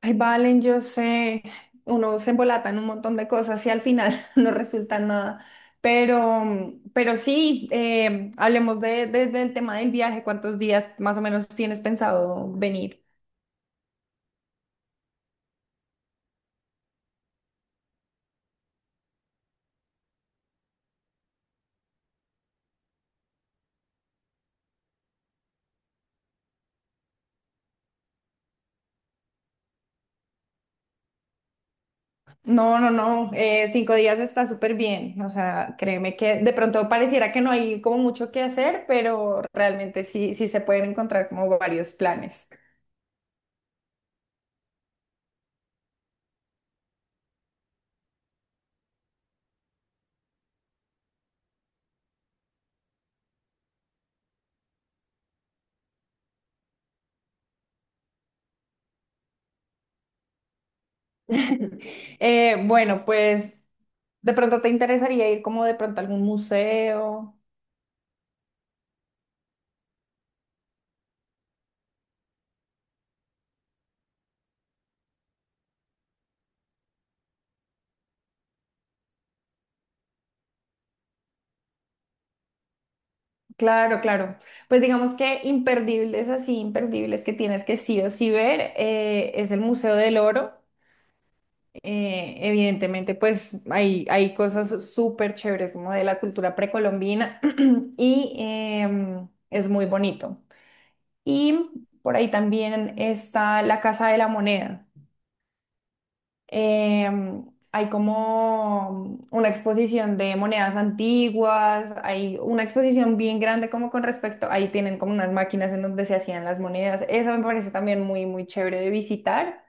Ay, Valen, yo sé, uno se embolata en un montón de cosas y al final no resulta nada. Pero sí, hablemos del tema del viaje. ¿Cuántos días más o menos tienes pensado venir? No, no, no, 5 días está súper bien. O sea, créeme que de pronto pareciera que no hay como mucho que hacer, pero realmente sí se pueden encontrar como varios planes. Bueno, pues de pronto te interesaría ir como de pronto a algún museo. Claro, claro. Pues digamos que imperdibles, así imperdibles que tienes que sí o sí ver, es el Museo del Oro. Evidentemente, pues hay cosas súper chéveres como de la cultura precolombina y es muy bonito. Y por ahí también está la Casa de la Moneda. Em, Hay como una exposición de monedas antiguas, hay una exposición bien grande como con respecto, ahí tienen como unas máquinas en donde se hacían las monedas. Eso me parece también muy, muy chévere de visitar.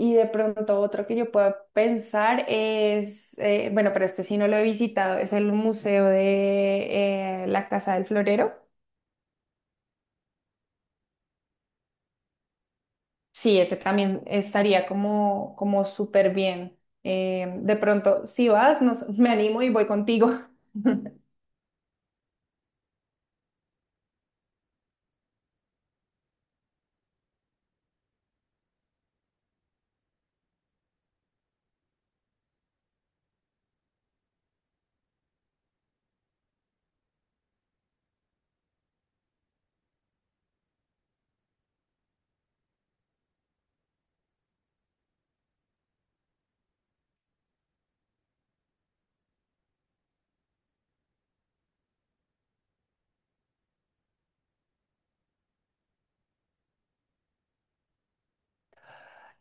Y de pronto otro que yo pueda pensar es, bueno, pero este sí no lo he visitado, es el Museo de la Casa del Florero. Sí, ese también estaría como súper bien. De pronto, si vas, me animo y voy contigo.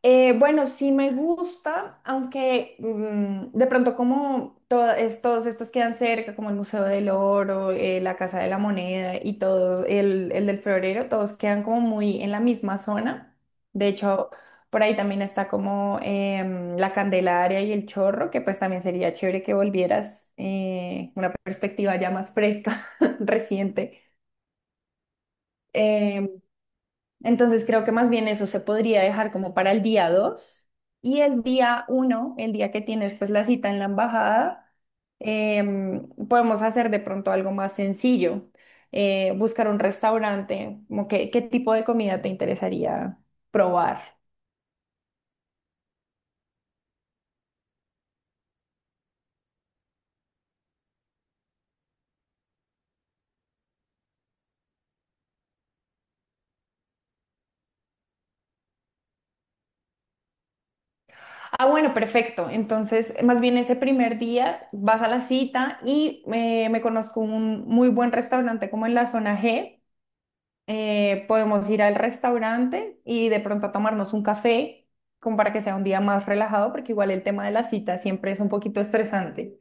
Bueno, sí me gusta, aunque de pronto como todos estos quedan cerca, como el Museo del Oro, la Casa de la Moneda y todo, el del Florero, todos quedan como muy en la misma zona. De hecho, por ahí también está como la Candelaria y el Chorro, que pues también sería chévere que volvieras una perspectiva ya más fresca, reciente. Em, entonces creo que más bien eso se podría dejar como para el día 2 y el día 1, el día que tienes pues la cita en la embajada, podemos hacer de pronto algo más sencillo, buscar un restaurante, como qué tipo de comida te interesaría probar. Ah, bueno, perfecto. Entonces, más bien ese primer día vas a la cita y me conozco un muy buen restaurante como en la zona G. Podemos ir al restaurante y de pronto a tomarnos un café, como para que sea un día más relajado, porque igual el tema de la cita siempre es un poquito estresante.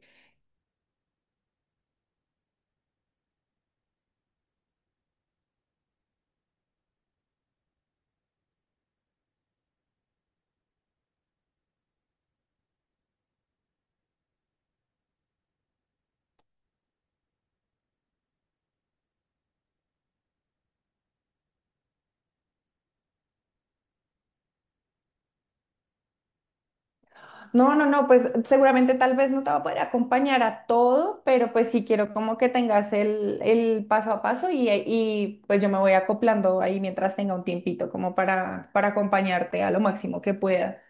No, no, no, pues seguramente tal vez no te va a poder acompañar a todo, pero pues sí quiero como que tengas el paso a paso y pues yo me voy acoplando ahí mientras tenga un tiempito, como para acompañarte a lo máximo que pueda.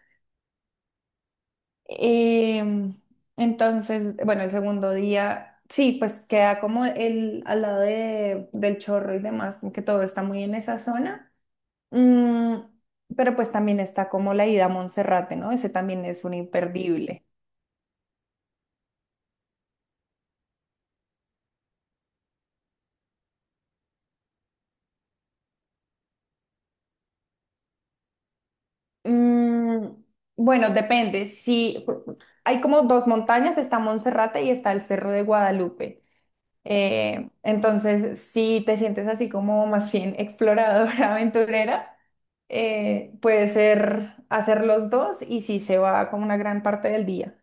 Em, entonces, bueno, el segundo día, sí, pues queda como al lado del chorro y demás, que todo está muy en esa zona. Mm, pero pues también está como la ida a Monserrate, ¿no? Ese también es un imperdible. Mm, bueno, depende. Sí, hay como dos montañas, está Monserrate y está el Cerro de Guadalupe. Entonces, si te sientes así como más bien exploradora, aventurera, puede ser hacer los dos y sí se va como una gran parte del día.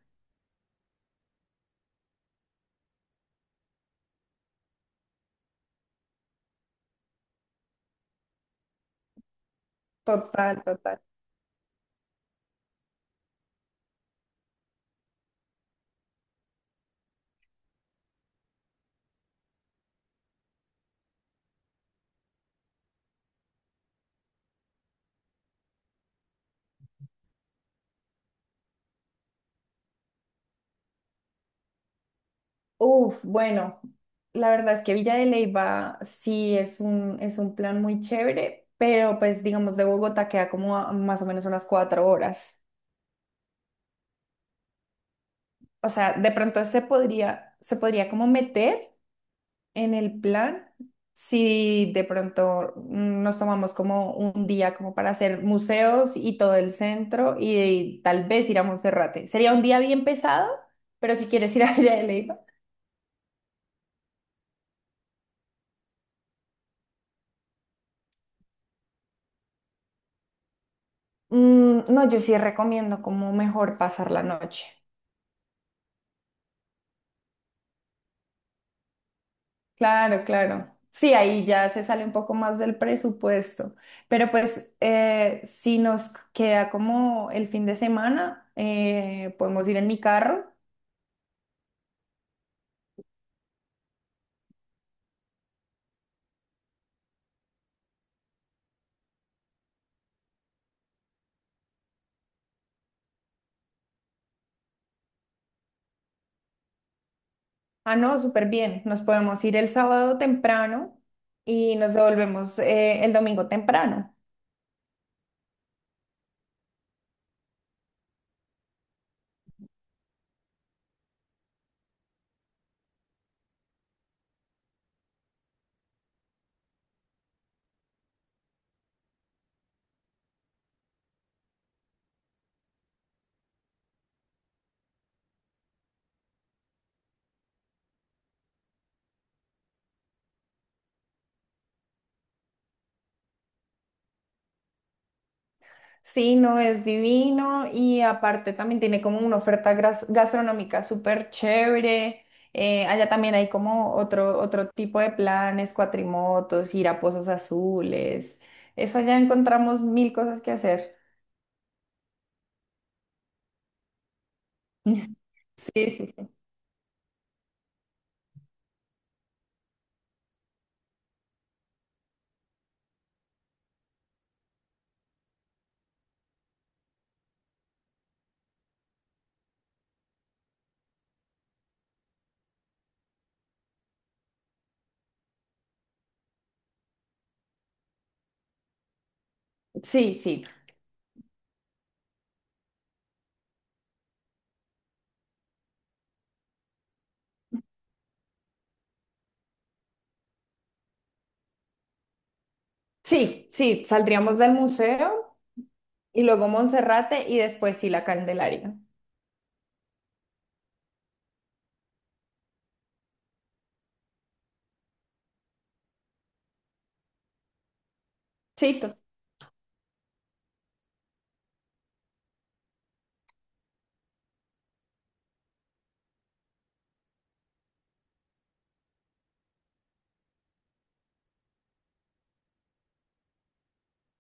Total, total. Uf, bueno, la verdad es que Villa de Leyva sí es un plan muy chévere, pero pues digamos de Bogotá queda como a más o menos unas 4 horas. O sea, de pronto se podría como meter. En el plan, si de pronto nos tomamos como un día como para hacer museos y todo el centro y, tal vez ir a Monserrate. Sería un día bien pesado, pero si quieres ir a Villa de Leyva. No, yo sí recomiendo como mejor pasar la noche. Claro, claro. Sí, ahí ya se sale un poco más del presupuesto. Pero pues si nos queda como el fin de semana, podemos ir en mi carro. Ah, no, súper bien. Nos podemos ir el sábado temprano y nos devolvemos el domingo temprano. Sí, no es divino y aparte también tiene como una oferta gastronómica súper chévere. Allá también hay como otro tipo de planes, cuatrimotos, ir a pozos azules. Eso allá encontramos mil cosas que hacer. Sí, sí, sí. Sí, sí. Sí, sí, saldríamos del museo y luego Monserrate y después sí la Candelaria. Sí, to-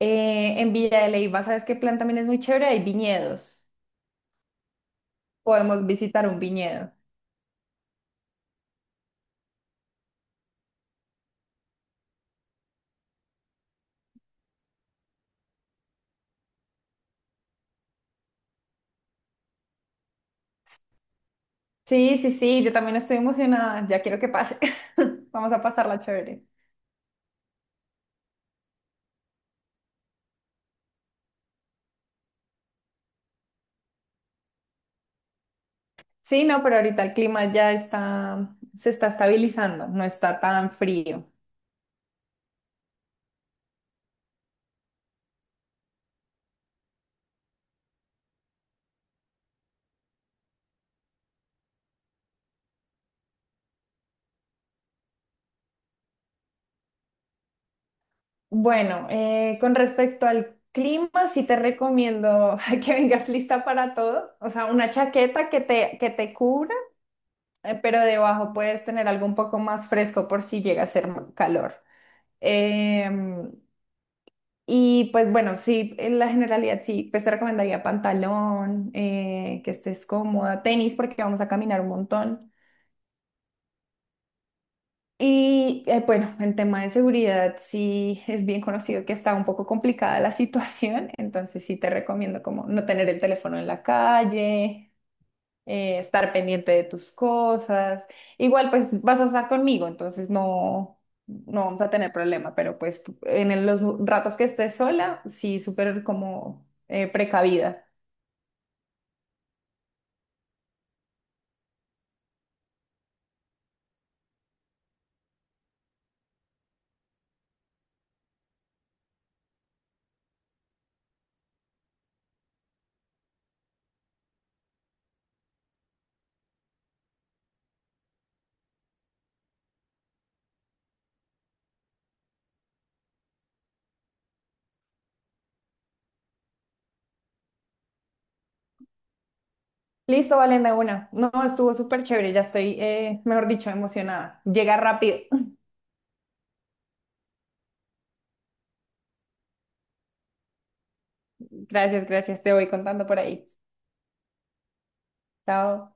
eh, en Villa de Leyva, ¿sabes qué plan también es muy chévere? Hay viñedos. Podemos visitar un viñedo. Sí, sí, sí, yo también estoy emocionada, ya quiero que pase. Vamos a pasarla chévere. Sí, no, pero ahorita el clima ya está, se está estabilizando, no está tan frío. Bueno, con respecto al clima, sí te recomiendo que vengas lista para todo. O sea, una chaqueta que te cubra, pero debajo puedes tener algo un poco más fresco por si llega a ser calor. Em, y pues bueno, sí, en la generalidad sí, pues te recomendaría pantalón, que estés cómoda, tenis porque vamos a caminar un montón. Y bueno, en tema de seguridad sí es bien conocido que está un poco complicada la situación, entonces sí te recomiendo como no tener el teléfono en la calle, estar pendiente de tus cosas. Igual pues vas a estar conmigo, entonces no, no vamos a tener problema, pero pues en los ratos que estés sola, sí súper como precavida. Listo, Valenda, una. No, estuvo súper chévere, ya estoy, mejor dicho, emocionada. Llega rápido. Gracias, gracias, te voy contando por ahí. Chao.